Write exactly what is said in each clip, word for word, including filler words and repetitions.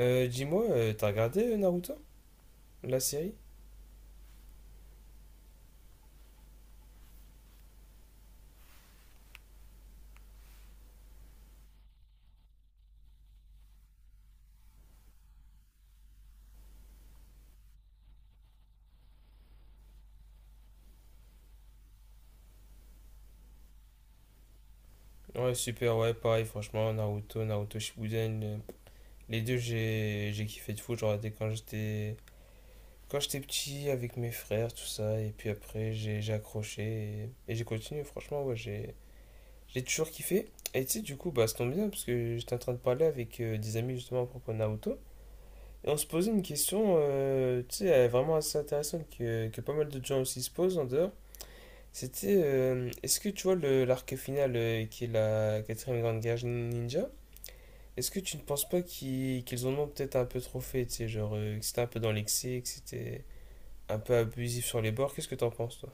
Euh, dis-moi, euh, t'as regardé euh, Naruto, la série? Ouais, super, ouais, pareil, franchement, Naruto, Naruto Shippuden, euh, les deux, j'ai j'ai kiffé de fou, j'en regardais quand j'étais quand j'étais petit avec mes frères, tout ça, et puis après, j'ai j'ai accroché et, et j'ai continué, franchement, ouais, j'ai j'ai toujours kiffé. Et tu sais, du coup, bah, ça tombe bien, parce que j'étais en train de parler avec euh, des amis justement à propos de Naruto, et on se posait une question, euh, tu sais, euh, vraiment assez intéressante que, que pas mal de gens aussi se posent en dehors. C'était. Euh, Est-ce que tu vois le- l'arc final euh, qui est la quatrième grande guerre ninja? Est-ce que tu ne penses pas qu'ils qu'ils en ont peut-être un peu trop fait, tu sais, genre euh, que c'était un peu dans l'excès, que c'était un peu abusif sur les bords? Qu'est-ce que t'en penses, toi?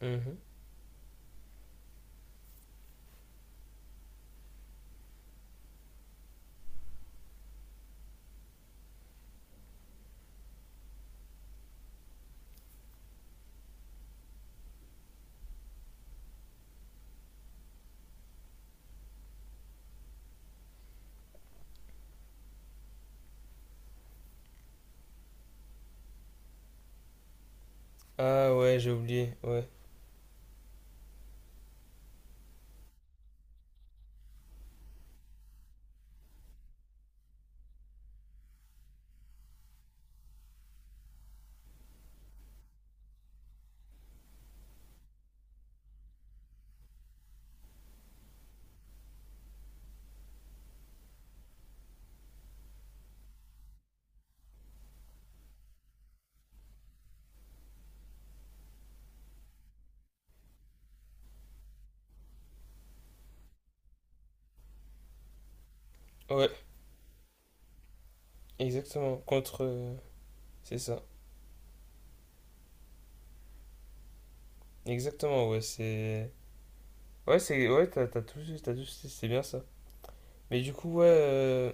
Mhm. Ah ouais, j'ai oublié, ouais. Ouais, exactement. Contre. Euh, c'est ça. Exactement, ouais, c'est. Ouais, c'est. Ouais, t'as t'as tout, t'as tout, c'est c'est bien ça. Mais du coup, ouais. euh,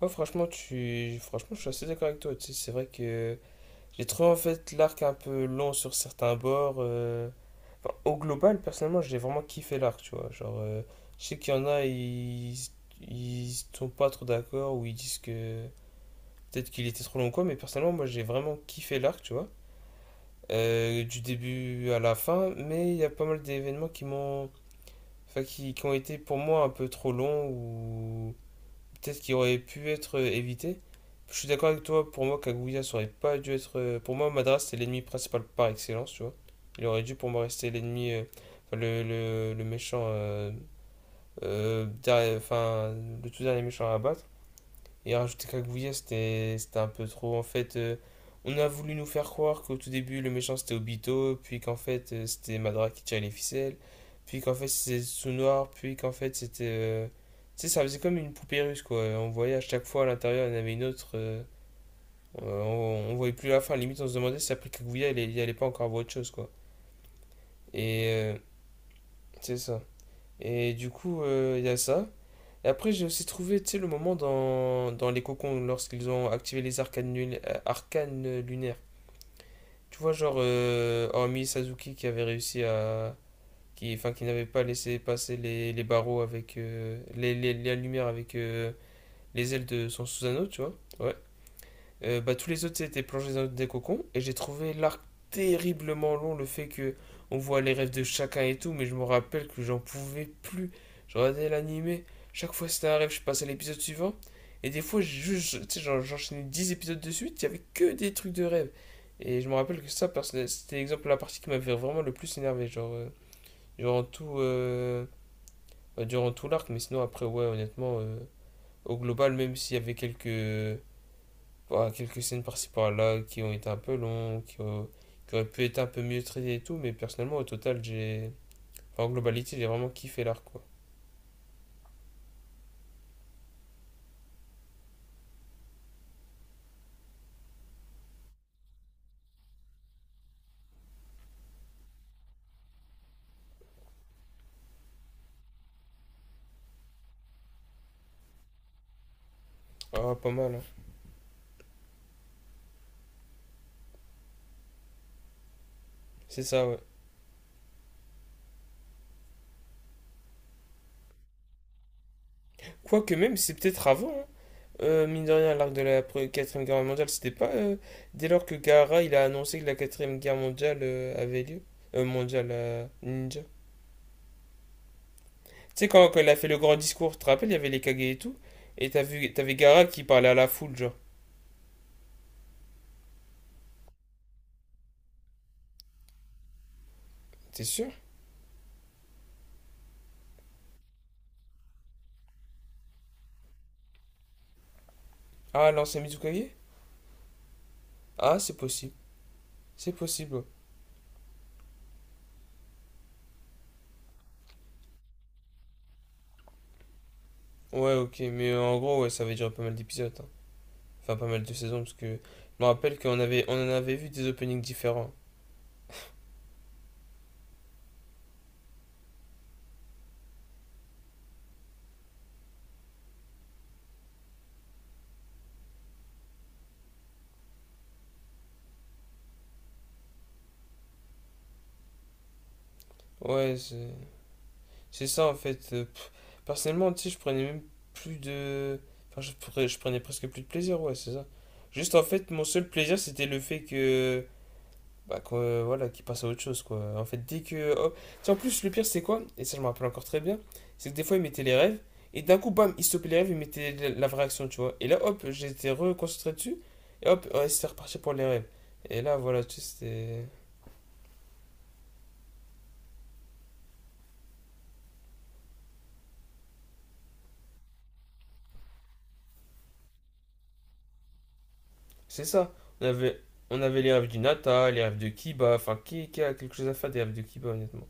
Ouais, franchement, tu... franchement, je suis assez d'accord avec toi, tu sais, c'est vrai que. J'ai trouvé en fait l'arc un peu long sur certains bords. euh, enfin, au global, personnellement, j'ai vraiment kiffé l'arc, tu vois. Genre, euh, je sais qu'il y en a, ils, ils sont pas trop d'accord ou ils disent que peut-être qu'il était trop long ou quoi, mais personnellement, moi j'ai vraiment kiffé l'arc, tu vois. Euh, du début à la fin, mais il y a pas mal d'événements qui m'ont. Enfin, qui, qui ont été pour moi un peu trop longs ou peut-être qui aurait pu être euh, évité. Je suis d'accord avec toi, pour moi, Kaguya, ça aurait pas dû être. euh, Pour moi, Madras, c'était l'ennemi principal par excellence, tu vois. Il aurait dû, pour moi, rester l'ennemi. euh, enfin, le, le, le méchant. euh, euh, derrière- enfin, le tout dernier méchant à abattre. Et rajouter Kaguya, c'était c'était un peu trop. En fait, euh, on a voulu nous faire croire qu'au tout début, le méchant c'était Obito, puis qu'en fait, euh, c'était Madara qui tirait les ficelles, puis qu'en fait, c'était Tsunnoir, puis qu'en fait, c'était. Euh, Tu sais, ça faisait comme une poupée russe, quoi. On voyait à chaque fois à l'intérieur, il y en avait une autre. euh, euh, on, on voyait plus la fin. Limite, on se demandait si après Kaguya, il allait il allait pas encore voir autre chose, quoi. Et. euh, c'est ça. Et du coup, euh, il y a ça. Et après, j'ai aussi trouvé, tu sais, le moment dans, dans les cocons, lorsqu'ils ont activé les arcanes, nul- euh, arcanes lunaires. Tu vois, genre, euh, hormis Sasuke qui avait réussi à... qui, enfin, qui n'avait pas laissé passer les, les barreaux avec... euh, les, les- la lumière avec euh, les ailes de son Susanoo, tu vois. Ouais. Euh, bah, tous les autres c'était plongés dans des cocons et j'ai trouvé l'arc terriblement long, le fait que on voit les rêves de chacun et tout, mais je me rappelle que j'en pouvais plus. Je regardais l'animé, chaque fois c'était un rêve, je passais à l'épisode suivant et des fois juste, tu sais, j'enchaînais dix épisodes de suite, il y avait que des trucs de rêve. Et je me rappelle que ça, personnel- c'était l'exemple, de la partie qui m'avait vraiment le plus énervé, genre euh, durant tout, euh, bah, durant tout l'arc, mais sinon après ouais honnêtement euh, au global même s'il y avait quelques voilà, quelques scènes par-ci par-là qui ont été un peu longues, qui, ont- qui auraient pu être un peu mieux traitées et tout, mais personnellement, au total, j'ai. Enfin, en globalité, j'ai vraiment kiffé l'arc, quoi. Ah, pas mal, hein. C'est ça, ouais. Quoique même, c'est peut-être avant, hein. Euh, mine de rien, l'arc de la 4ème guerre mondiale, c'était pas euh, dès lors que Gaara, il a annoncé que la quatrième guerre mondiale euh, avait lieu. Euh, mondiale, euh, ninja. Tu sais, quand, quand il a fait le grand discours, tu te rappelles, il y avait les Kage et tout, et t'as vu, t'avais Gaara qui parlait à la foule, genre. T'es sûr? Ah, l'ancien Mizukage? Ah, c'est possible. C'est possible. Ouais, ok, mais en gros, ouais, ça avait duré pas mal d'épisodes, hein. Enfin, pas mal de saisons, parce que je me rappelle qu'on avait, on en avait vu des openings différents. Ouais, c'est c'est ça en fait. euh, pff. Personnellement, tu sais, je prenais même plus de. Enfin, je, prenais- je prenais presque plus de plaisir, ouais, c'est ça. Juste en fait, mon seul plaisir, c'était le fait que. Bah, quoi, voilà, qui passe à autre chose, quoi. En fait, dès que. Oh, tu sais, en plus, le pire, c'est quoi? Et ça, je me rappelle encore très bien. C'est que des fois, il mettait les rêves, et d'un coup, bam, il stoppait les rêves, il mettait la, la vraie action, tu vois. Et là, hop, j'étais reconcentré dessus, et hop, ouais, c'était reparti pour les rêves. Et là, voilà, tu sais, c'était. C'est ça. On avait, on avait les rêves du Nata, les rêves de Kiba, enfin, qui, qui a quelque chose à faire des rêves de Kiba, honnêtement.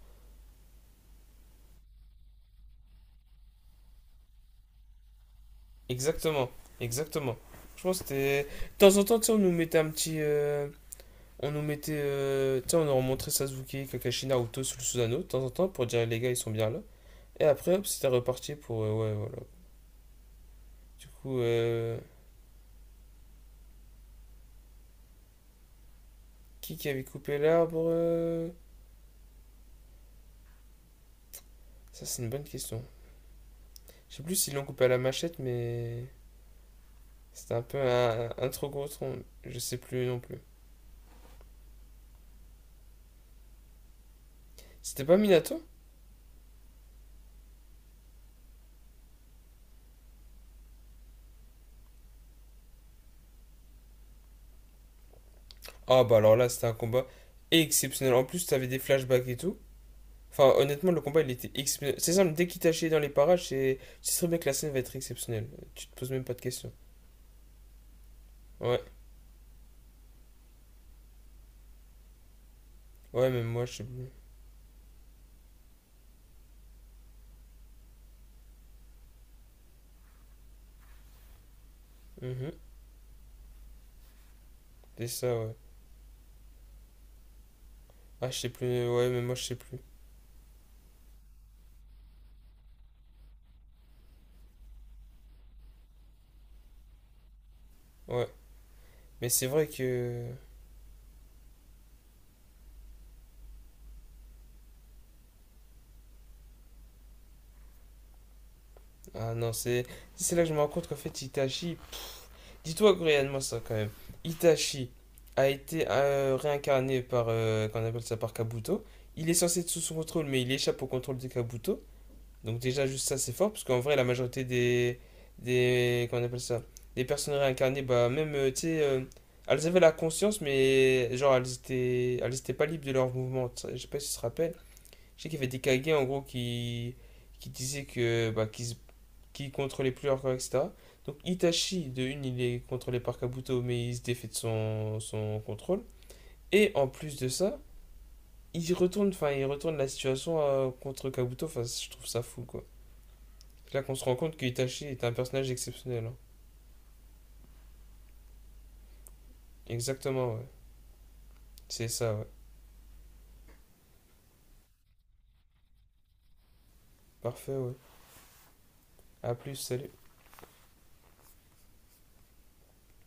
Exactement, exactement. Je pense que c'était. De temps en temps, tu sais, on nous mettait un petit. euh, On nous mettait. Euh, tu on leur montrait Sasuke, Kakashi, Naruto sous le Susanoo de temps en temps pour dire les gars, ils sont bien là. Et après, hop, c'était reparti pour. euh, ouais, voilà. Du coup, euh, qui qui avait coupé l'arbre euh, Ça, c'est une bonne question. Je sais plus s'ils l'ont coupé à la machette, mais. C'était un peu un, un trop gros tronc. Je sais plus non plus. C'était pas Minato. Ah, bah alors là, c'était un combat exceptionnel. En plus, t'avais des flashbacks et tout. Enfin, honnêtement, le combat, il était exceptionnel. C'est simple, dès qu'il t'a chié dans les parages, c'est... tu sais très bien que la scène va être exceptionnelle. Tu te poses même pas de questions. Ouais, ouais, même moi, je sais plus. Mhm. C'est ça, ouais. Ah, je sais plus, ouais, même moi, je sais plus. Ouais. Mais c'est vrai que... Ah non, c'est... C'est là que je me rends compte qu'en fait, Itachi... Dis-toi réellement ça, quand même. Itachi a été euh, réincarné par... euh, qu'on appelle ça, par Kabuto. Il est censé être sous son contrôle, mais il échappe au contrôle de Kabuto. Donc déjà juste ça c'est fort parce qu'en vrai la majorité des des comment on appelle ça des personnes réincarnées bah même euh, tu sais euh, elles avaient la conscience mais genre elles étaient elles étaient pas libres de leurs mouvements. Tu sais, je sais pas si tu te rappelles. Je sais qu'il y avait des Kage en gros qui qui disaient que bah qu'ils se- qu'ils contrôlaient plus leur corps et etc. Donc Itachi de une il est contrôlé par Kabuto mais il se défait de son son contrôle et en plus de ça il retourne enfin il retourne la situation euh, contre Kabuto enfin je trouve ça fou quoi. C'est là qu'on se rend compte qu'Itachi est un personnage exceptionnel, hein. Exactement, ouais. C'est ça, ouais. Parfait, ouais. A plus, salut.